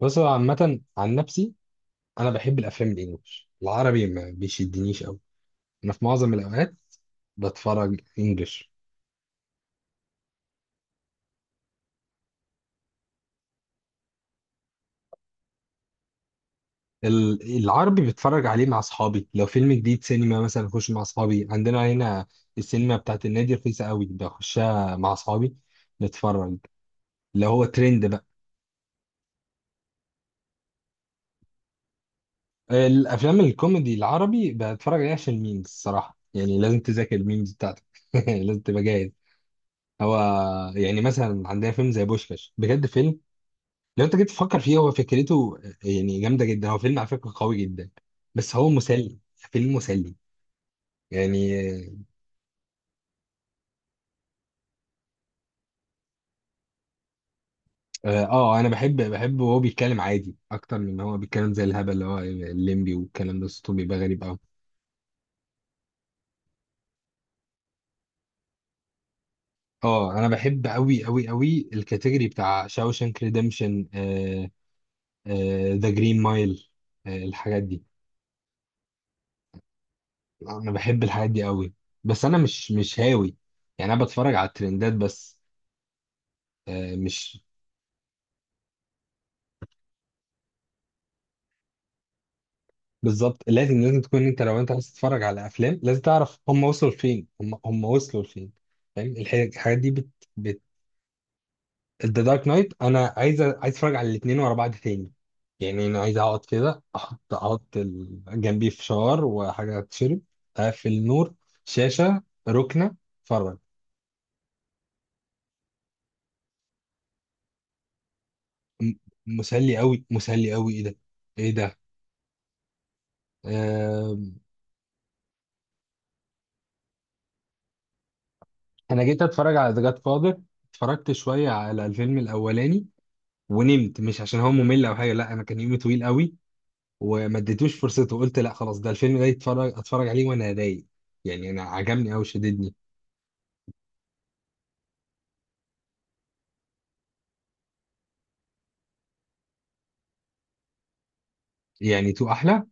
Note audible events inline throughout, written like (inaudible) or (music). بس هو عامة عن نفسي. أنا بحب الأفلام الإنجليش، العربي ما بيشدنيش أوي. أنا في معظم الأوقات بتفرج إنجليش. العربي بتفرج عليه مع أصحابي، لو فيلم جديد سينما مثلا أخش مع أصحابي عندنا هنا. السينما بتاعت النادي رخيصة أوي، بخشها مع أصحابي نتفرج اللي هو ترند بقى. الأفلام الكوميدي العربي بتفرج عليها عشان الميمز، الصراحة يعني لازم تذاكر الميمز بتاعتك. (laughs) لازم تبقى جاهز. هو يعني مثلا عندنا فيلم زي بوشكاش، بجد فيلم لو انت جيت تفكر فيه، هو فكرته يعني جامده جدا، هو فيلم على فكره قوي جدا، بس هو مسلي، فيلم مسلي يعني. اه، انا بحب وهو بيتكلم عادي اكتر من ان هو بيتكلم زي الهبل اللي هو الليمبي، والكلام ده صوته بيبقى غريب قوي. اه انا بحب قوي قوي قوي الكاتيجوري بتاع شاوشانك ريديمشن، ذا جرين مايل، الحاجات دي. انا بحب الحاجات دي قوي، بس انا مش هاوي. يعني انا بتفرج على الترندات بس. مش بالظبط، لازم تكون انت، لو انت عايز تتفرج على افلام لازم تعرف هم وصلوا لفين، هم وصلوا لفين، فاهم؟ الحاجات دي بت بت ذا دارك نايت انا عايز اتفرج على الاثنين ورا بعض تاني. يعني انا عايز اقعد كده، جنبي فشار وحاجه تشرب، اقفل نور، شاشه، ركنه، اتفرج. م- مسلي قوي مسلي قوي، ايه ده ايه ده. آه انا جيت اتفرج على ذا جاد فاذر، اتفرجت شويه على الفيلم الاولاني ونمت، مش عشان هو ممل او حاجه، لا، انا كان يومي طويل قوي، وما اديتوش فرصته، وقلت لا خلاص ده الفيلم ده يتفرج اتفرج عليه وانا رايق. يعني انا عجبني قوي، شددني. يعني تو احلى.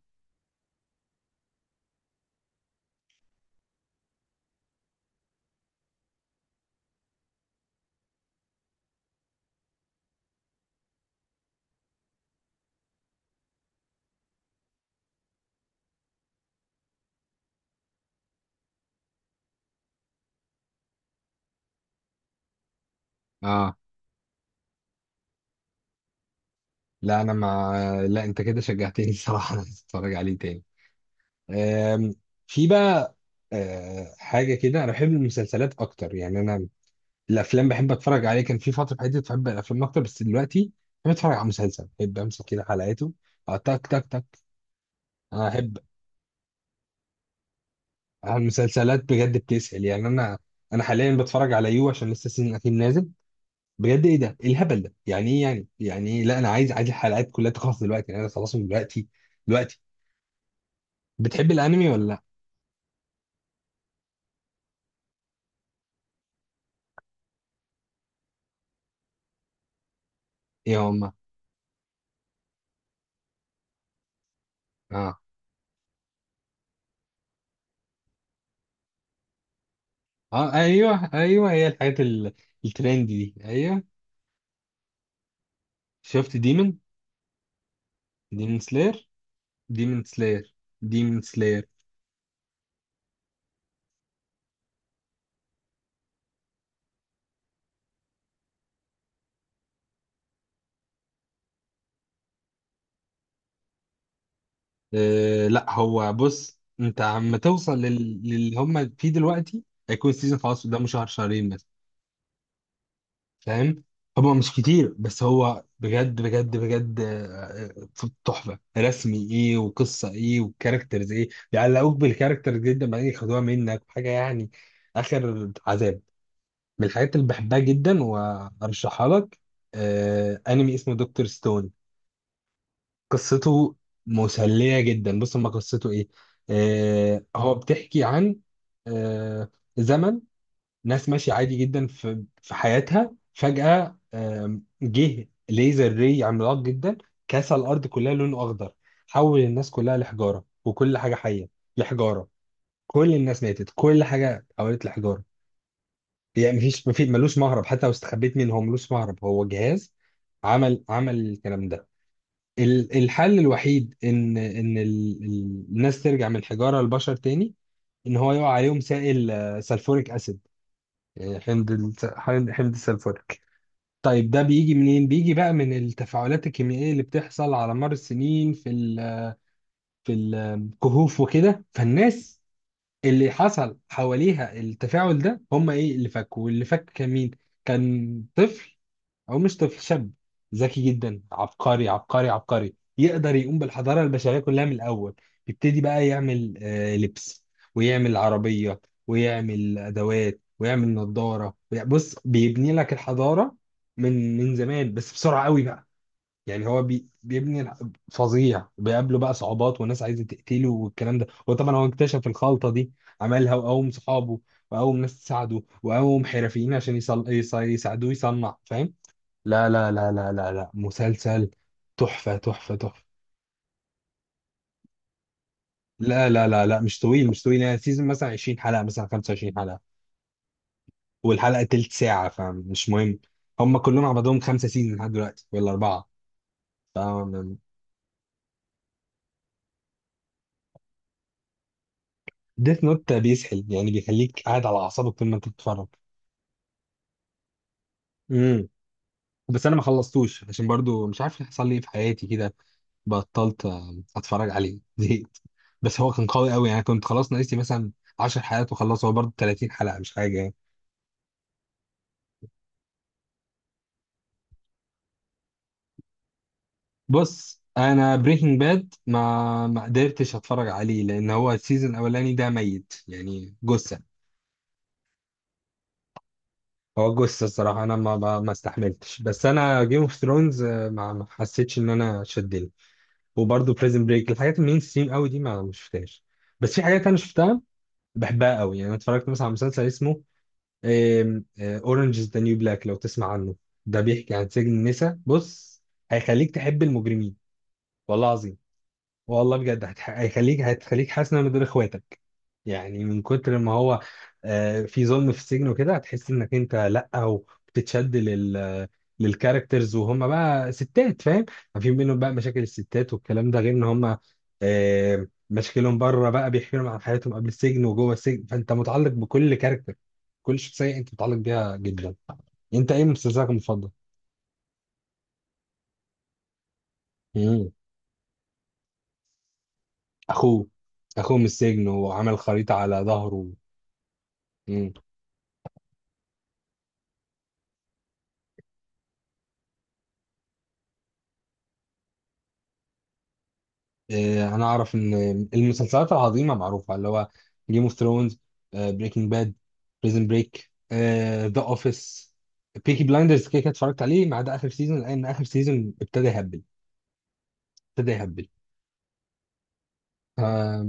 اه لا انا ما لا، انت كده شجعتني. (laughs) الصراحه انا عايز اتفرج عليه تاني. آم، في بقى حاجه كده، انا بحب المسلسلات اكتر يعني انا. الافلام بحب اتفرج عليه، كان في فتره في حياتي بحب الافلام اكتر، بس دلوقتي بحب اتفرج على مسلسل، بحب امسك كده حلقاته. تك تك تك. انا احب المسلسلات بجد، بتسحل يعني انا حاليا بتفرج على يو عشان لسه السيزون الاخير نازل. بجد ايه ده، إيه الهبل ده، يعني ايه، يعني إيه؟ لا انا عايز الحلقات كلها تخلص دلوقتي، يعني انا خلاص من دلوقتي دلوقتي. بتحب الانمي ولا لا؟ يا ماما. اه اه، ايوه ايوه، هي الحاجات الترند دي، ايوه. شفت ديمون، ديمون سلاير، ديمون سلاير، ديمون سلاير. آه لا، هو بص انت عم توصل للي هم فيه دلوقتي، هيكون السيزون خلاص قدامه شهر شهرين، فاهم؟ هو مش كتير، بس هو بجد بجد بجد. تحفه رسمي، ايه وقصه ايه والكاركترز ايه، بيعلقوك بالكاركترز جدا بعدين ياخدوها منك حاجه يعني، اخر عذاب. من الحاجات اللي بحبها جدا وارشحها لك انمي اسمه دكتور ستون. قصته مسليه جدا، بص ما قصته ايه. هو بتحكي عن آه زمن، ناس ماشية عادي جدا في حياتها، فجأة جه ليزر ري عملاق جدا كسر الأرض كلها، لونه أخضر، حول الناس كلها لحجارة، وكل حاجة حية لحجارة. كل الناس ماتت، كل حاجة اتحولت لحجارة. يعني مفيش ملوش مهرب، حتى لو استخبيت منه هو ملوش مهرب، هو جهاز عمل الكلام ده. الحل الوحيد ان الناس ترجع من حجارة لبشر تاني، ان هو يقع عليهم سائل سلفوريك اسيد، يعني حمض السلفوريك. طيب ده بيجي منين؟ بيجي بقى من التفاعلات الكيميائية اللي بتحصل على مر السنين في في الكهوف وكده، فالناس اللي حصل حواليها التفاعل ده هم ايه اللي فكوا، واللي فك كان مين؟ كان طفل، او مش طفل، شاب ذكي جدا، عبقري عبقري عبقري، يقدر يقوم بالحضاره البشريه كلها من الاول. يبتدي بقى يعمل لبس، ويعمل عربيه، ويعمل ادوات، ويعمل نظاره، بص بيبني لك الحضاره من زمان، بس بسرعه قوي بقى. يعني هو بيبني فظيع. بيقابله بقى صعوبات، وناس عايزه تقتله والكلام ده، وطبعا هو اكتشف الخلطه دي، عملها وقوم صحابه، وقوم ناس تساعده، وقوم حرفيين عشان يساعدوه يصنع، فاهم؟ لا لا لا لا لا لا، مسلسل. تحفة تحفة تحفة. لا لا لا لا، مش طويل مش طويل، يعني سيزون مثلا 20 حلقة، مثلا 25 حلقة، والحلقة تلت ساعة، فمش مهم. هم كلهم على بعضهم خمسة سيزون لحد دلوقتي ولا أربعة. ف ديث نوت بيسحل، يعني بيخليك قاعد على أعصابك طول ما أنت بتتفرج. امم، بس أنا ما خلصتوش عشان برضو مش عارف حصل لي إيه في حياتي كده، بطلت أتفرج عليه. (laughs) زهقت. بس هو كان قوي قوي، يعني كنت خلاص ناقص لي مثلا 10 حلقات وخلص، هو برضو 30 حلقة، مش حاجة يعني. بص انا بريكنج باد ما قدرتش اتفرج عليه، لان هو السيزون الاولاني ده ميت، يعني جثه، هو جثه الصراحه، انا ما استحملتش. بس انا جيم اوف ثرونز ما حسيتش ان انا شدني، وبرضه بريزن بريك الحاجات المين ستريم قوي دي ما شفتهاش. بس في حاجات انا شفتها، بحبها قوي، يعني أنا اتفرجت مثلا على مسلسل اسمه اورنج از ذا نيو بلاك، لو تسمع عنه. ده بيحكي عن سجن النساء، بص هيخليك تحب المجرمين، والله العظيم، والله بجد. هيخليك، هتخليك حاسس انك من دول، اخواتك يعني، من كتر ما هو في ظلم في السجن وكده هتحس انك انت، لا، وبتتشد للكاركترز وهم بقى ستات، فاهم؟ في منهم بقى مشاكل الستات والكلام ده، غير ان هم مشاكلهم بره بقى، بيحكي لهم عن حياتهم قبل السجن وجوه السجن، فانت متعلق بكل كاركتر، كل شخصيه انت متعلق بيها جدا. انت ايه مسلسلك المفضل؟ مم. اخوه اخوه من السجن وعمل خريطه على ظهره. انا اعرف ان المسلسلات العظيمه معروفه، اللي هو جيم اوف ثرونز، بريكنج باد، بريزن بريك، ذا اوفيس، بيكي بلايندرز كده كده اتفرجت عليه، ما عدا اخر سيزون لان اخر سيزون ابتدى يهبل، ابتدى يهبل. آه،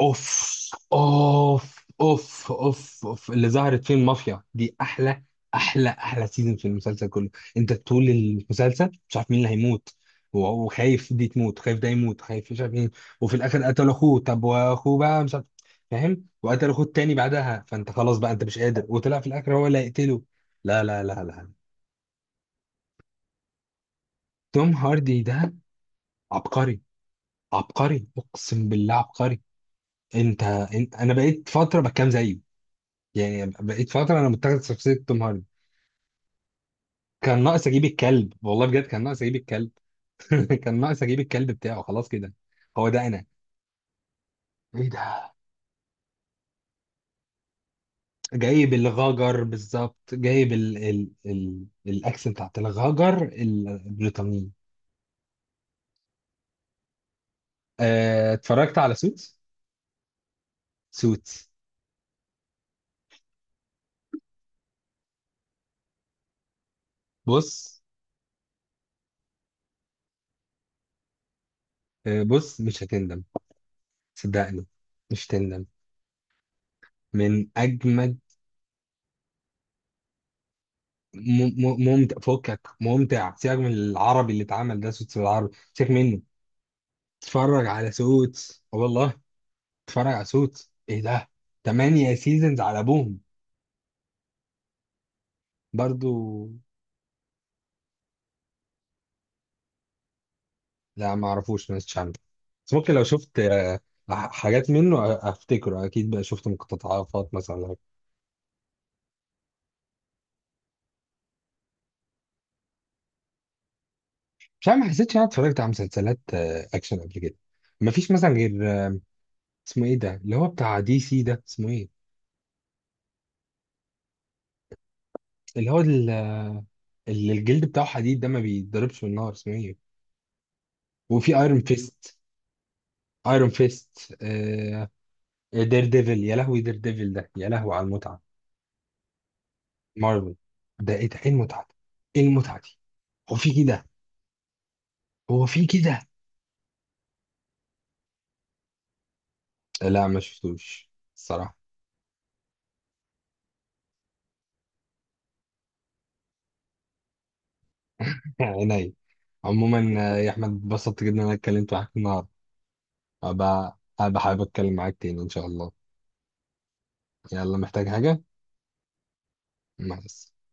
اوف اوف اوف اوف اوف، اللي ظهرت فيه المافيا دي احلى، احلى احلى سيزون في المسلسل كله. انت طول المسلسل مش عارف مين اللي هيموت، و- وخايف دي تموت، خايف ده يموت، خايف مش عارف مين. وفي الاخر قتل اخوه، طب واخوه بقى مش عارف، فاهم؟ وقتل اخوه التاني بعدها، فانت خلاص بقى انت مش قادر، وطلع في الاخر هو اللي هيقتله. لا لا لا لا. توم هاردي ده عبقري، عبقري، اقسم بالله عبقري. انت. انا بقيت فتره بكام زيه، يعني بقيت فترة أنا متخذ شخصية توم هاردي. كان ناقص أجيب الكلب، والله بجد، كان ناقص أجيب الكلب. (laughs) كان ناقص أجيب الكلب بتاعه، خلاص كده هو ده أنا. إيه ده، جايب الغاجر بالظبط، جايب ال الأكس بتاعت الغاجر البريطانية. اتفرجت على سوتس. سوتس بص، بص مش هتندم، صدقني مش هتندم، من أجمد. ممتع، فكك، ممتع، سيبك من العربي اللي اتعمل، ده سوتس بالعربي سيبك منه. اتفرج على سوتس، آه والله، اتفرج على سوتس، ايه ده. تمانية سيزونز على ابوهم. برضو، لا ما اعرفوش، ما عارف، بس ممكن لو شفت حاجات منه افتكره اكيد، بقى شفت مقتطفات مثلا ولا حاجة. مش عارف، ما حسيتش إن انا اتفرجت على مسلسلات اكشن قبل كده، ما فيش مثلا غير اسمه ايه ده اللي هو بتاع دي سي ده، اسمه ايه؟ اللي هو اللي الجلد بتاعه حديد ده، ما بيتضربش بالنار، اسمه ايه؟ وفي ايرون فيست. ايرون فيست، دير ديفل، يا لهوي دير ديفل ده، يا لهوي على المتعه. مارفل. ده ايه ده، ايه المتعه دي، ايه المتعه دي، هو في كده؟ هو في كده؟ لا ما شفتوش الصراحه. (laughs) عيني، عموما يا احمد اتبسطت جدا ان انا اتكلمت معاك النهارده، هبقى حابب اتكلم معاك تاني ان شاء الله. يلا، محتاج حاجه؟ مع السلامه.